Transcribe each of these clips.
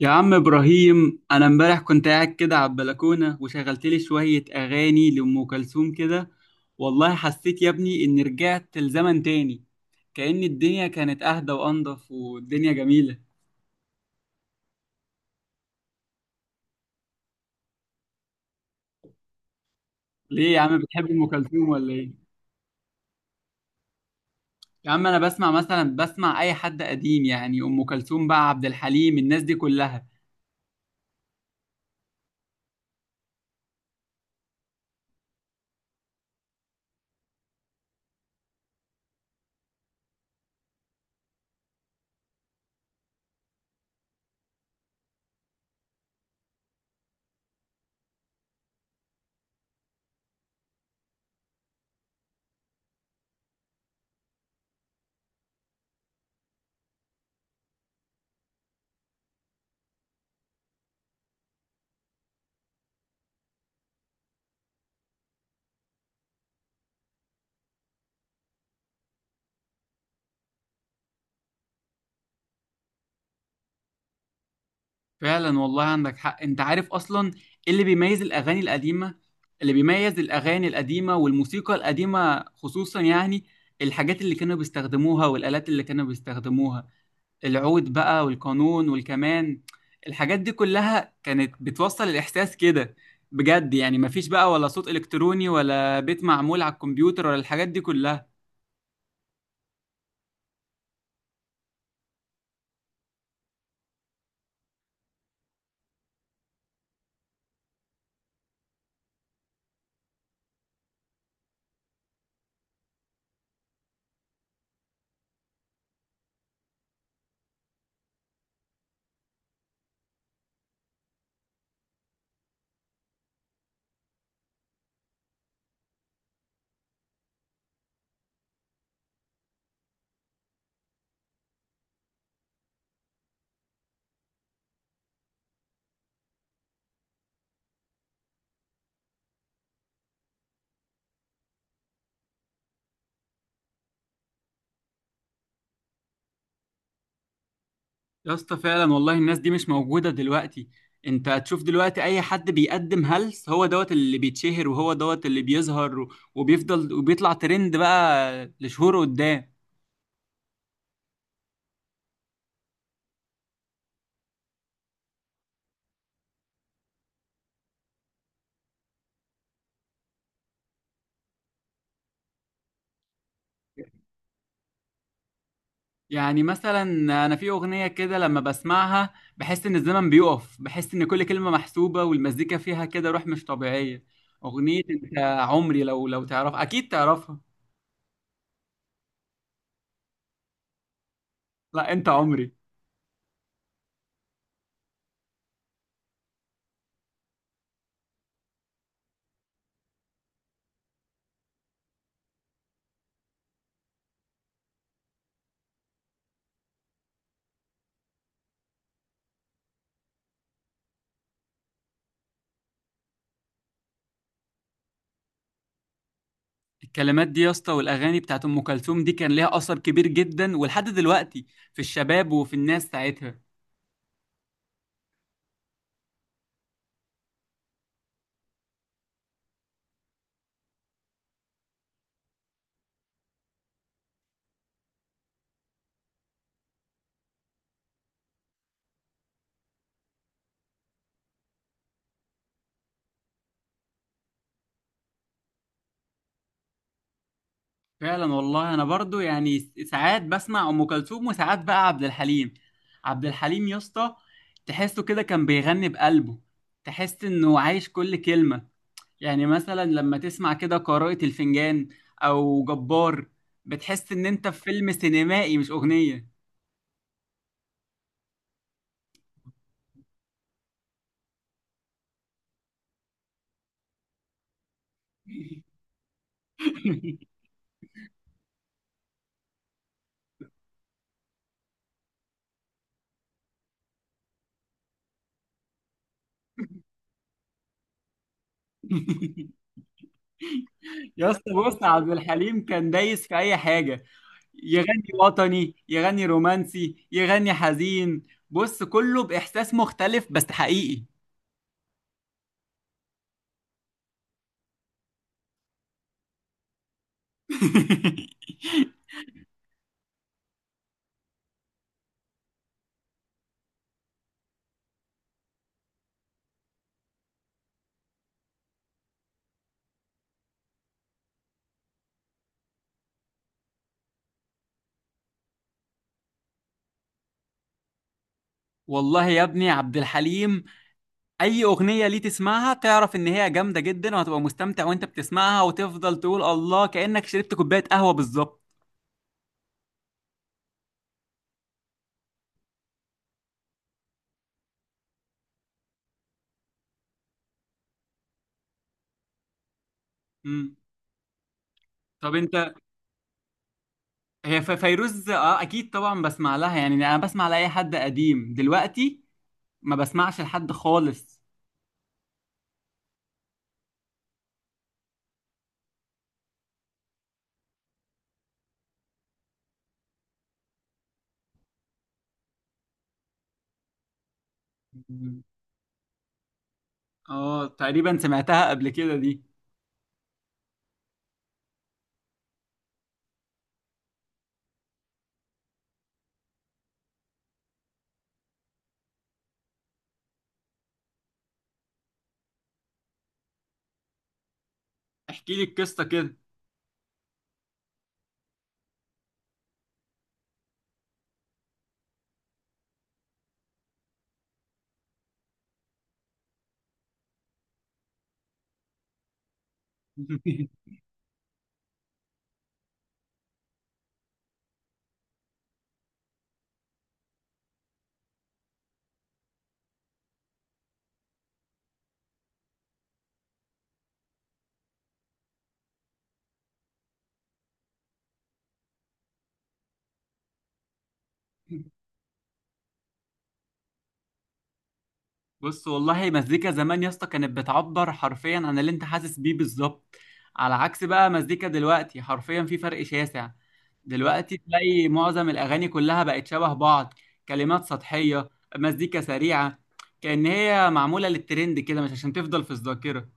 يا عم إبراهيم، أنا إمبارح كنت قاعد كده على البلكونة وشغلت لي شوية أغاني لأم كلثوم كده. والله حسيت يا ابني إني رجعت لزمن تاني، كأن الدنيا كانت أهدى وأنضف والدنيا جميلة. ليه يا عم، بتحب أم كلثوم ولا إيه؟ يا عم أنا بسمع مثلا، بسمع أي حد قديم، يعني أم كلثوم بقى، عبد الحليم، الناس دي كلها. فعلا والله عندك حق، انت عارف اصلا ايه اللي بيميز الاغاني القديمه؟ اللي بيميز الاغاني القديمه والموسيقى القديمه خصوصا يعني الحاجات اللي كانوا بيستخدموها والالات اللي كانوا بيستخدموها، العود بقى والقانون والكمان. الحاجات دي كلها كانت بتوصل الاحساس كده بجد، يعني مفيش بقى ولا صوت الكتروني ولا بيت معمول على الكمبيوتر ولا الحاجات دي كلها. يا اسطى فعلا والله الناس دي مش موجودة دلوقتي. انت هتشوف دلوقتي اي حد بيقدم هلس هو دوت اللي بيتشهر وهو دوت اللي بيظهر وبيفضل وبيطلع ترند بقى لشهور قدام. يعني مثلا، انا في اغنية كده لما بسمعها بحس ان الزمن بيقف، بحس ان كل كلمة محسوبة والمزيكا فيها كده روح مش طبيعية. اغنية انت عمري، لو تعرف اكيد تعرفها. لا، انت عمري. الكلمات دي يا اسطى والاغاني بتاعت ام كلثوم دي كان ليها اثر كبير جدا ولحد دلوقتي في الشباب وفي الناس ساعتها. فعلا والله انا برضو يعني ساعات بسمع ام كلثوم وساعات بقى عبد الحليم. عبد الحليم يا اسطى تحسه كده كان بيغني بقلبه، تحس انه عايش كل كلمة. يعني مثلا لما تسمع كده قراءة الفنجان او جبار، بتحس ان انت في فيلم سينمائي مش اغنية. يا اسطى بص، عبد الحليم كان دايس في اي حاجة، يغني وطني، يغني رومانسي، يغني حزين. بص كله بإحساس مختلف بس حقيقي. والله يا ابني عبد الحليم أي أغنية ليه تسمعها تعرف إن هي جامدة جدا، وهتبقى مستمتع وأنت بتسمعها وتفضل تقول الله، كأنك شربت كوباية قهوة بالظبط. مم. طب أنت، هي فيروز أه أكيد طبعا بسمع لها، يعني أنا بسمع لأي حد قديم دلوقتي، ما بسمعش لحد خالص. مم. اه تقريبا سمعتها قبل كده دي. احكي لي القصه كده. بص والله مزيكا زمان يا اسطى كانت بتعبر حرفيا عن اللي انت حاسس بيه بالظبط، على عكس بقى مزيكا دلوقتي، حرفيا في فرق شاسع. دلوقتي تلاقي معظم الاغاني كلها بقت شبه بعض، كلمات سطحيه، مزيكا سريعه، كأن هي معموله للترند كده مش عشان تفضل في الذاكره.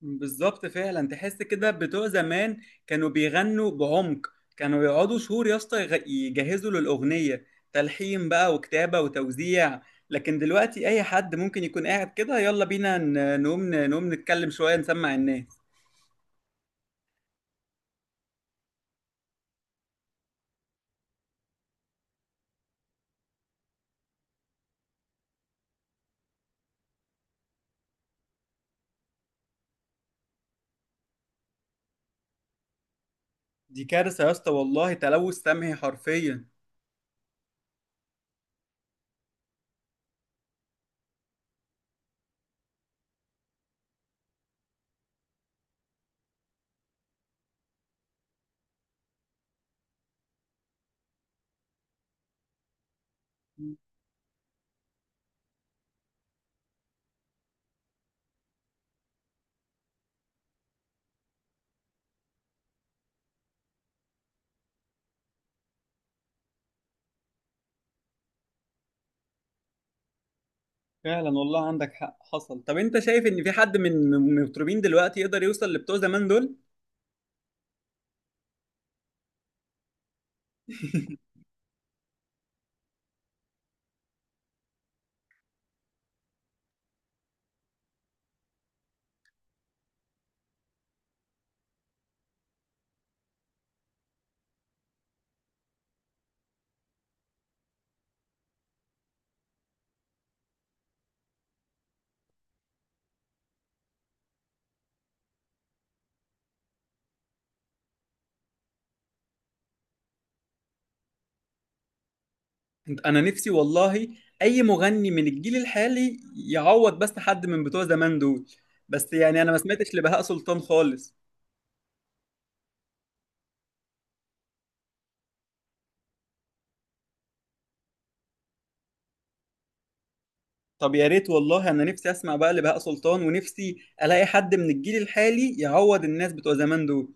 بالظبط فعلا تحس كده بتوع زمان كانوا بيغنوا بعمق، كانوا يقعدوا شهور يا اسطى يجهزوا للأغنية، تلحين بقى وكتابة وتوزيع. لكن دلوقتي أي حد ممكن يكون قاعد كده يلا بينا نقوم نتكلم شوية نسمع الناس. دي كارثة يا اسطى والله، تلوث سمعي حرفيا. فعلا والله عندك حق حصل. طب انت شايف ان في حد من المطربين دلوقتي يقدر يوصل لبتوع زمان دول؟ انا نفسي والله اي مغني من الجيل الحالي يعوض بس حد من بتوع زمان دول، بس يعني انا ما سمعتش لبهاء سلطان خالص. طب يا ريت والله، انا نفسي اسمع بقى لبهاء سلطان ونفسي الاقي حد من الجيل الحالي يعوض الناس بتوع زمان دول.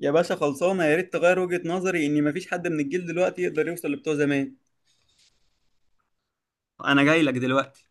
يا باشا خلصانه، يا ريت تغير وجهة نظري ان مفيش حد من الجيل دلوقتي يقدر يوصل لبتوع زمان. انا جاي لك دلوقتي.